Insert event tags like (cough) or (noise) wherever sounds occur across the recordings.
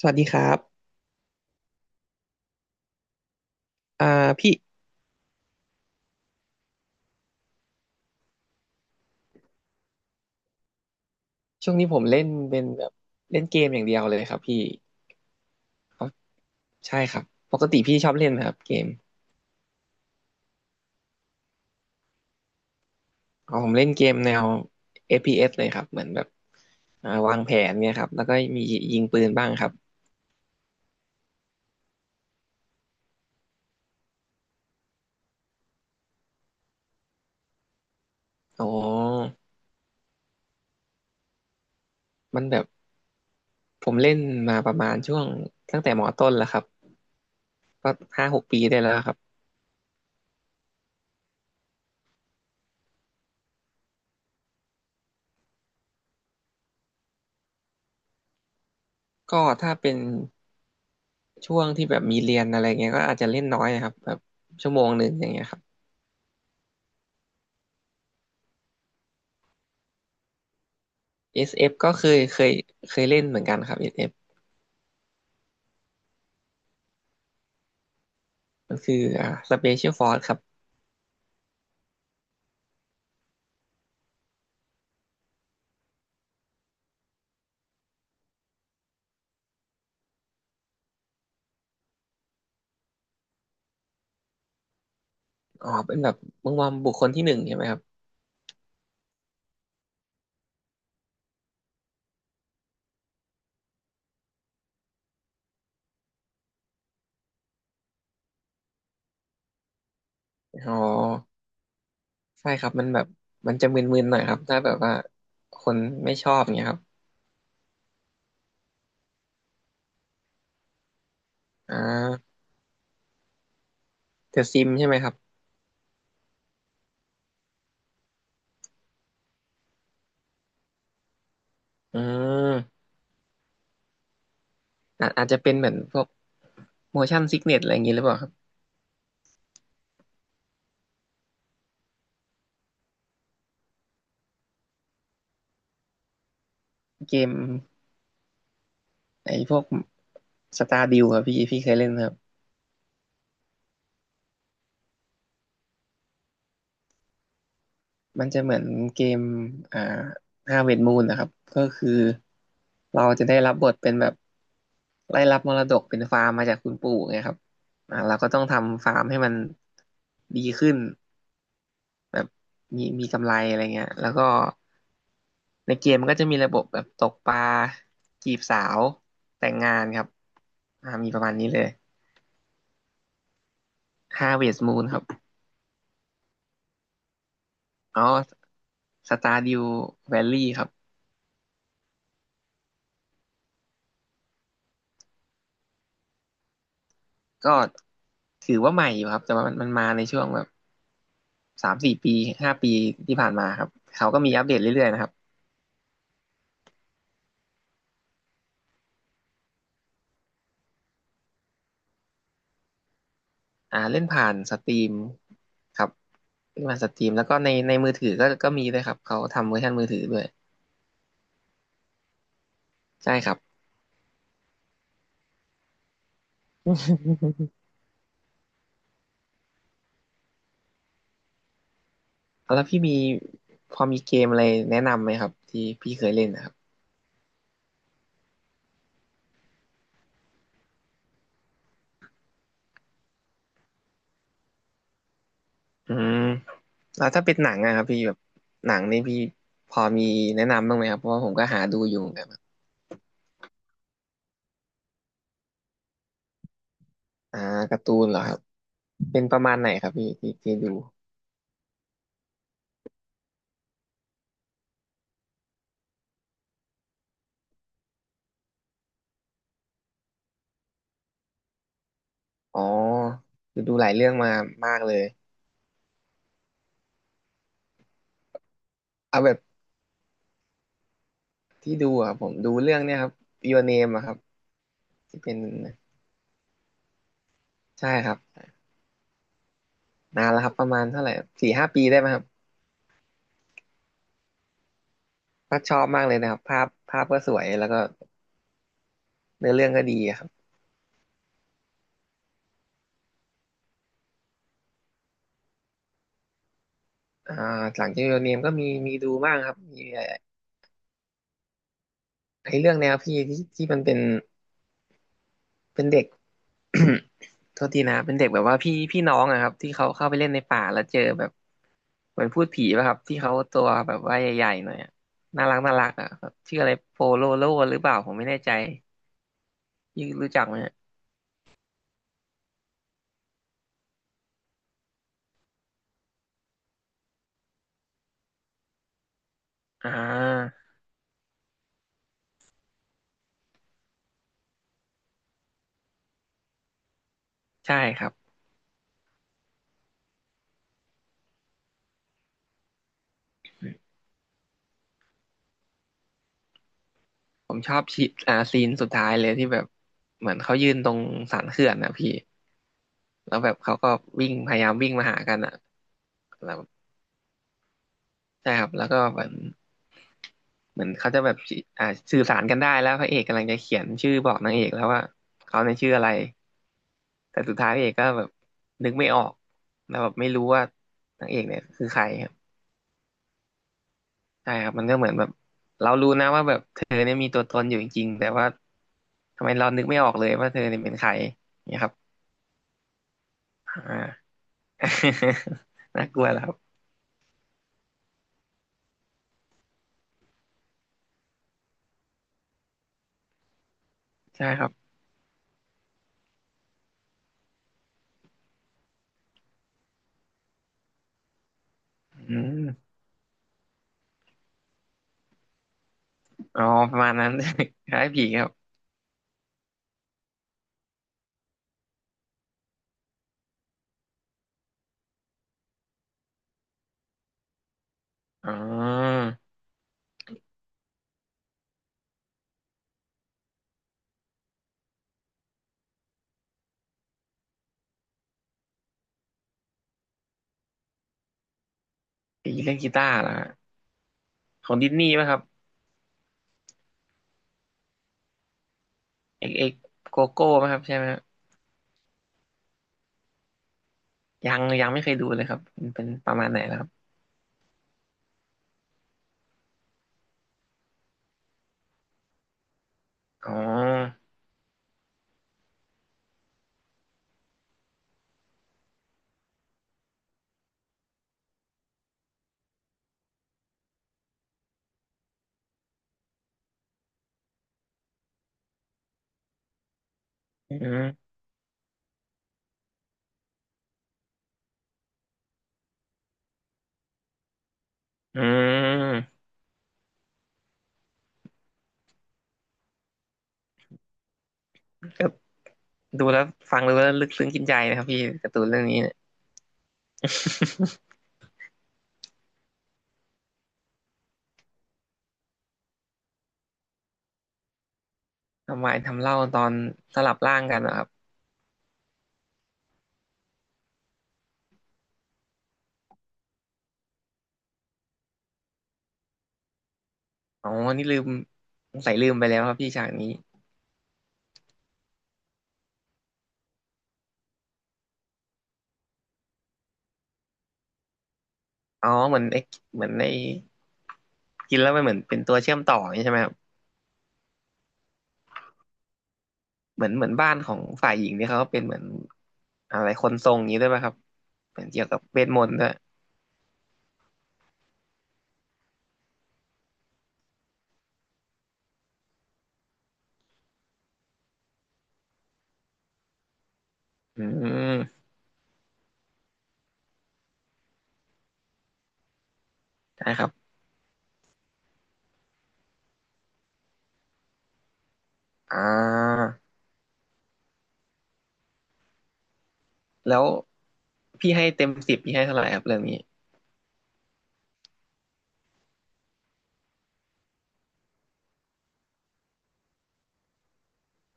สวัสดีครับอ่าพี่ช่วงนี้ผมเล่นเป็นแบบเล่นเกมอย่างเดียวเลยครับพี่อ๋อใช่ครับปกติพี่ชอบเล่นนะครับเกมอ๋อผมเล่นเกมแนว FPS เอสเลยครับเหมือนแบบวางแผนเนี่ยครับแล้วก็มียิงปืนบ้างครับอ๋อมันแบบผมเล่นมาประมาณช่วงตั้งแต่มอต้นแล้วครับก็ห้าหกปีได้แล้วครับก็ถ้าเป็นช่วงที่แบบมีเรียนอะไรเงี้ยก็อาจจะเล่นน้อยนะครับแบบชั่วโมงหนึ่งอย่างเงี้ยครับ SF ก็เคยเล่นเหมือนกันครับเอสเอฟมันคือSpecial Force ครับอ๋อเป็นแบบมุงวอมบุคคลที่หนึ่งใช่ไหมครับอ๋อใช่ครับมันแบบมันจะมึนๆหน่อยครับถ้าแบบว่าคนไม่ชอบเงี้ยครับอ่าแต่ซิมใช่ไหมครับอืมอาจจะเป็นเหมือนพวก motion sickness อะไรอย่างงี้หรือเปล่าครับเกมไอ้พวกสตาร์ดิวครับพี่เคยเล่นไหมครับ มันจะเหมือนเกมอ่าห้าเวทมูลนะครับก็คือเราจะได้รับบทเป็นแบบได้รับมรดกเป็นฟาร์มมาจากคุณปู่ไงครับอ่าเราก็ต้องทำฟาร์มให้มันดีขึ้นแบบมีกำไรอะไรเงี้ย แล้วก็ในเกมมันก็จะมีระบบแบบตกปลาจีบสาวแต่งงานครับมีประมาณนี้เลยห้าเวทมูลครับอ๋อสตาร์ดิวแวลลี่ครับ ก็ถือว่าใหม่อยู่ครับแต่ว่ามันมาในช่วงแบบสามสี่ปีห้าปีที่ผ่านมาครับเขาก็มีอัปเดตเรื่อยๆนะครับเล่นผ่านสตรีมครับเล่นผ่านสตรีมแล้วก็ในมือถือก็มีด้วยครับเขาทำเวอร์ชันมือถือด้วยใช่ครับ (laughs) แล้วพี่มีพอมีเกมอะไรแนะนำไหมครับที่พี่เคยเล่นนะครับอืมแล้วถ้าเป็นหนังอะครับพี่แบบหนังนี่พี่พอมีแนะนำบ้างไหมครับเพราะว่าผมก็หาดูอยู่เหมือนกัน อ่าการ์ตูนเหรอครับเป็นประมาณไหนครับพี่ที่ดูอ๋อคือดูหลายเรื่องมามากเลยเอาแบบที่ดูอ่ะผมดูเรื่องเนี้ยครับ Your Name อะครับที่เป็นใช่ครับนานแล้วครับประมาณเท่าไหร่สี่ห้าปีได้ไหมครับก็ชอบมากเลยนะครับภาพภาพก็สวยแล้วก็เนื้อเรื่องก็ดีอะครับอ่าหลังจาก Your Name ก็มีดูบ้างครับมีไอ้เรื่องแนวพี่ที่มันเป็น เป็นเด็ก (coughs) โทษทีนะเป็นเด็กแบบว่าพี่น้องอะครับที่เขาเข้าไปเล่นในป่าแล้วเจอแบบเหมือนพูดผีป่ะครับที่เขาตัวแบบว่าใหญ่ๆหน่อยอะน่ารักน่ารักอะครับชื่ออะไรโปโลโลหรือเปล่าผมไม่แน่ใจยี่รู้จักไหมอะอ่าใช่ครับผมชอบชีอ่าซีนสุดท้ายเลยที่แบบเหมือนเขายืนตรงสันเขื่อนนะพี่แล้วแบบเขาก็วิ่งพยายามวิ่งมาหากันอะ ใช่ครับแล้วก็เหมือนเขาจะแบบอ่าสื่อสารกันได้แล้วพระเอกกำลังจะเขียนชื่อบอกนางเอกแล้วว่าเขาในยชื่ออะไรแต่สุดท้ายพระเอกก็แบบนึกไม่ออกแล้วแบบไม่รู้ว่านางเอกเนี่ยคือใครครับใช่ครับมันก็เหมือนแบบเรารู้นะว่าแบบเธอเนี่ยมีตัวตนอยู่จริงๆแต่ว่าทำไมเรานึกไม่ออกเลยว่าเธอเนี่ยเป็นใครเนี่ยครับอ่า (laughs) น่ากลัวแล้วครับใช่ครับอืมอ๋อประมาณนั้น (laughs) คล้ายผีครับอ๋อผีเล่นกีตาร์เหรอ ของดิสนีย์ป่ะครับเอ็กเอ็กโกโก้ป่ะครับใช่ไหมฮะยังยังไม่เคยดูเลยครับมันเป็นประมาณไหนแล้วครับอ๋ออืมอืมก็ดูแล้วฟังดูแล้วลึกซึ้งกินใจนะครับพี่การ์ตูนเรื่องนี้เนี่ยทำไมทำเล่าตอนสลับร่างกันนะครับอ๋อนี่ลืมสงสัยลืมไปแล้วครับพี่ฉากนี้อ๋อเหมือนไอ้กินแล้วมันเหมือนเป็นตัวเชื่อมต่ออย่างนี้ใช่ไหมครับเหมือนบ้านของฝ่ายหญิงเนี่ยเขาก็เป็นเหมือนอะไรคนทรงอย่างนี้ด้วยป่ะครับเป็นเกี่ยวกับเวทมนต์ด้วยอืมใช่ครับ อ่าแล้วพี่ให้เต็มสิบพี่ให้เท่าไหร่ครับเรื่องนี้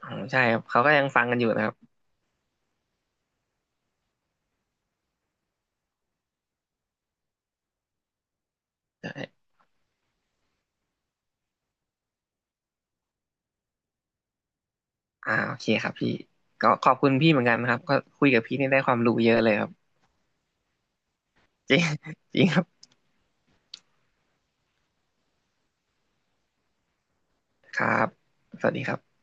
อ๋อใช่ครับเขาก็ยังฟังกันอยู่นะครับใช่โอเคครับพี่ก็ขอบคุณพี่เหมือนกันนะครับก็คุยกับพี่นี่ได้ความรู้เยอะเลยครับจริง (laughs) จริงครับครับสวัสดีครับ